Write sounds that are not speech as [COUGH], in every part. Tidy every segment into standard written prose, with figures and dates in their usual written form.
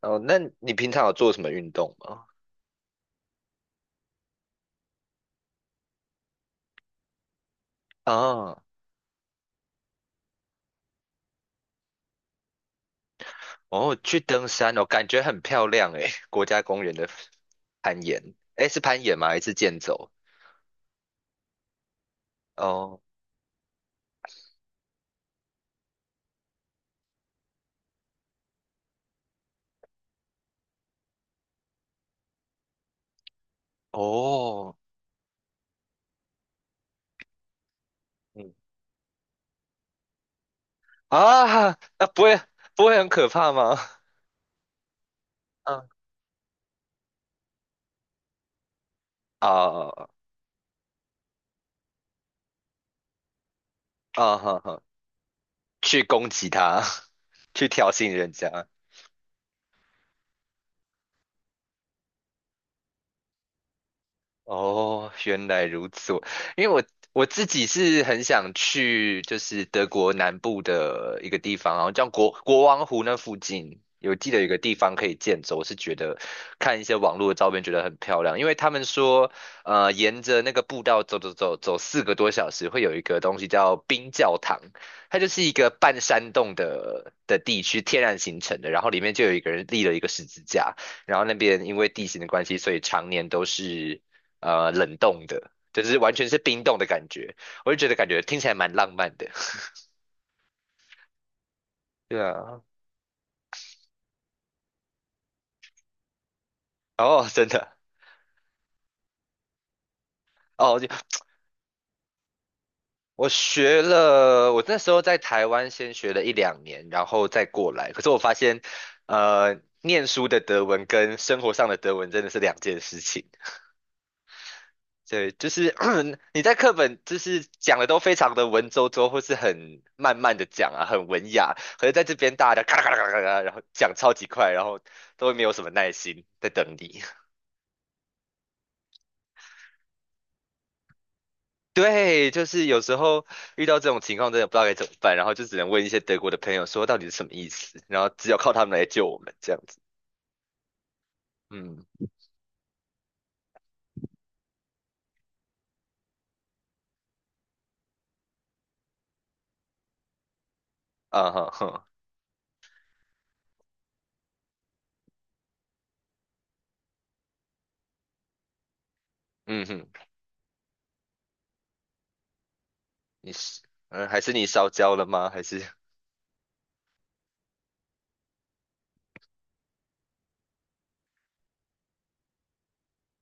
哦，那你平常有做什么运动吗？啊，哦，去登山哦，感觉很漂亮诶，[LAUGHS] 国家公园的攀岩，诶，是攀岩吗？还是健走？哦，哦，嗯，啊，啊，不会，不会很可怕吗？嗯，啊啊，哈哈，去攻击他，[LAUGHS] 去挑衅人家，哦，原来如此。因为我自己是很想去，就是德国南部的一个地方，然后叫国王湖那附近，有记得有个地方可以健走，我是觉得看一些网络的照片觉得很漂亮。因为他们说，沿着那个步道走走走走4个多小时，会有一个东西叫冰教堂，它就是一个半山洞的地区，天然形成的，然后里面就有一个人立了一个十字架。然后那边因为地形的关系，所以常年都是冷冻的，就是完全是冰冻的感觉，我就觉得感觉听起来蛮浪漫的。[LAUGHS] 对啊，哦，真的，哦，就我学了，我那时候在台湾先学了一两年，然后再过来。可是我发现，念书的德文跟生活上的德文真的是两件事情。对，就是 [CLEARS THROAT] 你在课本就是讲的都非常的文绉绉，或是很慢慢的讲啊，很文雅。可是在这边大家咔啦咔啦咔啦咔啦然后讲超级快，然后都没有什么耐心在等你。[LAUGHS] 对，就是有时候遇到这种情况，真的不知道该怎么办，然后就只能问一些德国的朋友说到底是什么意思，然后只有靠他们来救我们这样子。嗯，啊哈哈，嗯哼，你是嗯还是你烧焦了吗？还是 [LAUGHS]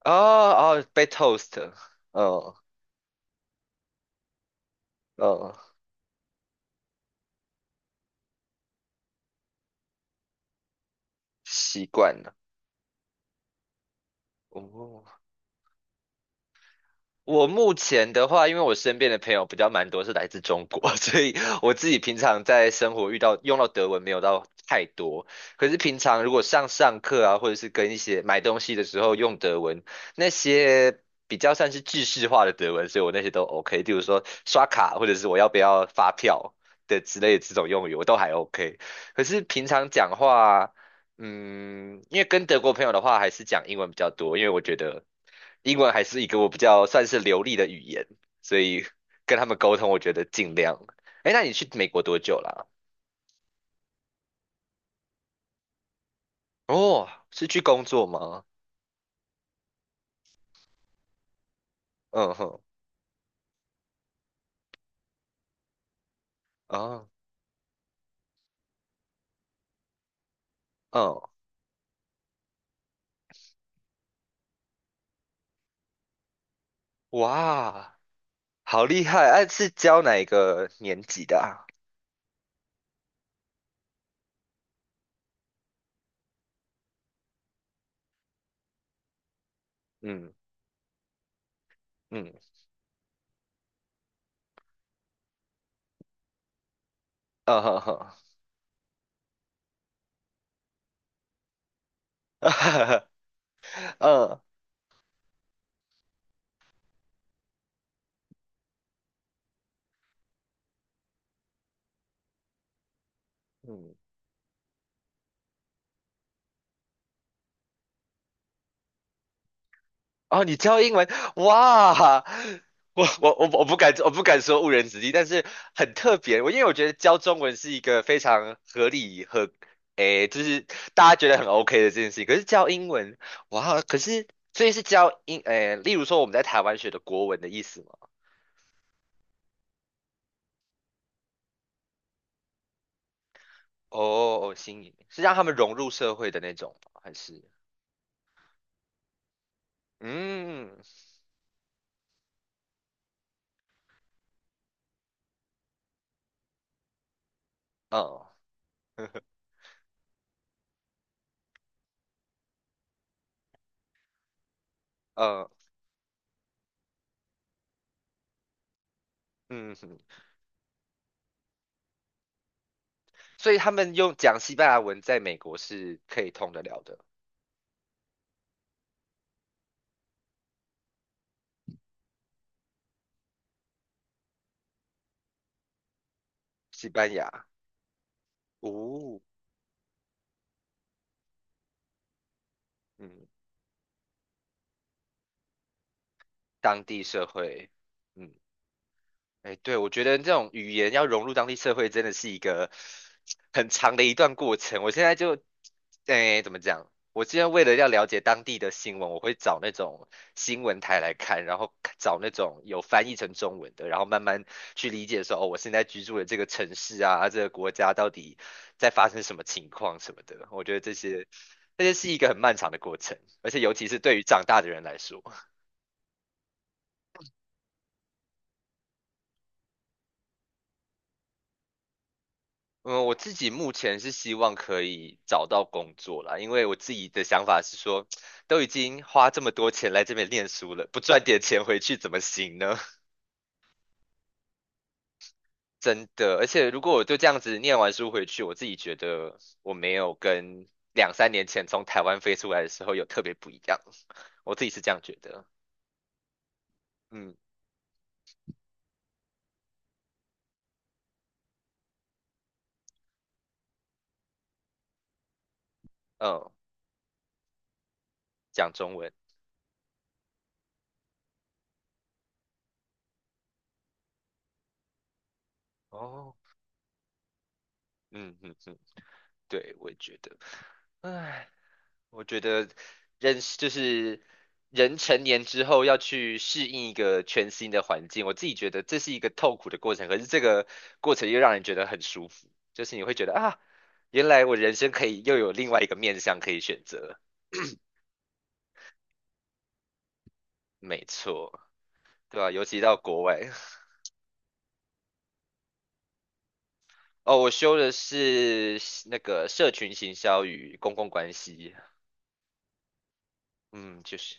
哦哦被 toast，哦哦习惯了。哦，我目前的话，因为我身边的朋友比较蛮多是来自中国，[LAUGHS] 所以我自己平常在生活遇到用到德文没有到太多。可是平常如果上课啊，或者是跟一些买东西的时候用德文，那些比较算是制式化的德文，所以我那些都 OK。例如说刷卡，或者是我要不要发票的之类的这种用语，我都还 OK。可是平常讲话。嗯，因为跟德国朋友的话，还是讲英文比较多，因为我觉得英文还是一个我比较算是流利的语言，所以 [LAUGHS] 跟他们沟通，我觉得尽量。哎，那你去美国多久啦？哦，是去工作吗？嗯哼，啊，嗯，哇，好厉害！哎、是教哪一个年级的啊？嗯嗯，嗯哼哼，[LAUGHS] 嗯嗯。哦，你教英文，哇！我不敢说误人子弟，但是很特别。我因为我觉得教中文是一个非常合理和诶，就是大家觉得很 OK 的这件事情。可是教英文，哇！可是所以是教英诶，例如说我们在台湾学的国文的意思吗？哦哦，新颖是让他们融入社会的那种吗还是嗯哦呃嗯哼，所以他们用讲西班牙文在美国是可以通得了的，西班牙。哦，嗯，当地社会，嗯，哎，对，我觉得这种语言要融入当地社会，真的是一个很长的一段过程。我现在就，哎，怎么讲？我现在为了要了解当地的新闻，我会找那种新闻台来看，然后看找那种有翻译成中文的，然后慢慢去理解说，哦，我现在居住的这个城市啊，啊这个国家到底在发生什么情况什么的。我觉得这些是一个很漫长的过程，而且尤其是对于长大的人来说。嗯，我自己目前是希望可以找到工作啦，因为我自己的想法是说，都已经花这么多钱来这边念书了，不赚点钱回去怎么行呢？[LAUGHS] 真的，而且如果我就这样子念完书回去，我自己觉得我没有跟两三年前从台湾飞出来的时候有特别不一样，我自己是这样觉得。嗯嗯，讲中文哦，嗯嗯嗯，对，我也觉得，唉。我觉得人就是人成年之后要去适应一个全新的环境，我自己觉得这是一个痛苦的过程，可是这个过程又让人觉得很舒服，就是你会觉得啊，原来我人生可以又有另外一个面向可以选择，[CLEARS THROAT] 没错，对吧，尤其到国外，[LAUGHS] 哦，我修的是那个社群行销与公共关系，嗯，就是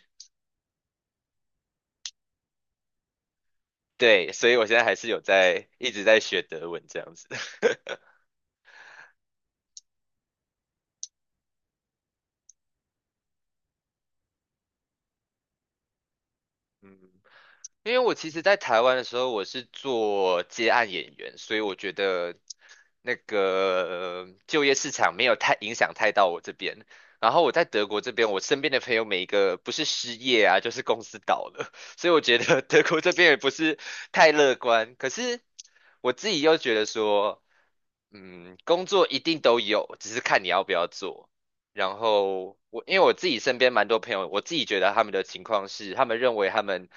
对，所以我现在还是有在一直在学德文这样子，[LAUGHS] 嗯。因为我其实，在台湾的时候，我是做接案演员，所以我觉得那个就业市场没有太影响太到我这边。然后我在德国这边，我身边的朋友每一个不是失业啊，就是公司倒了，[LAUGHS] 所以我觉得德国这边也不是太乐观。可是我自己又觉得说，嗯，工作一定都有，只是看你要不要做。然后我因为我自己身边蛮多朋友，我自己觉得他们的情况是，他们认为他们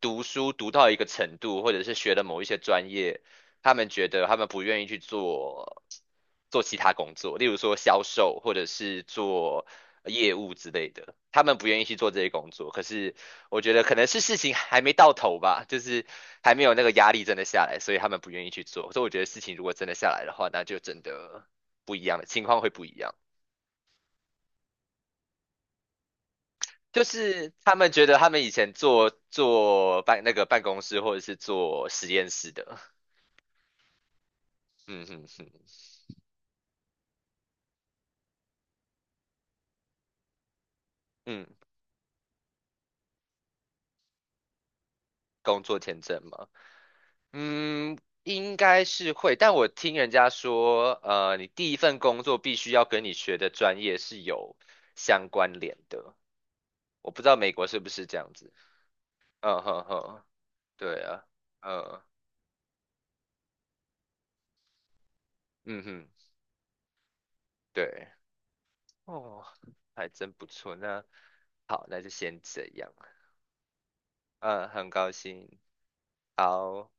读书读到一个程度，或者是学了某一些专业，他们觉得他们不愿意去做其他工作，例如说销售或者是做业务之类的，他们不愿意去做这些工作。可是我觉得可能是事情还没到头吧，就是还没有那个压力真的下来，所以他们不愿意去做。所以我觉得事情如果真的下来的话，那就真的不一样了，情况会不一样。就是他们觉得他们以前做那个办公室或者是做实验室的，嗯哼哼，嗯，工作签证吗？嗯，应该是会，但我听人家说，你第一份工作必须要跟你学的专业是有相关联的，我不知道美国是不是这样子。嗯哼哼，对啊，嗯嗯哼，对，哦，还真不错。那好，那就先这样。嗯，很高兴。好。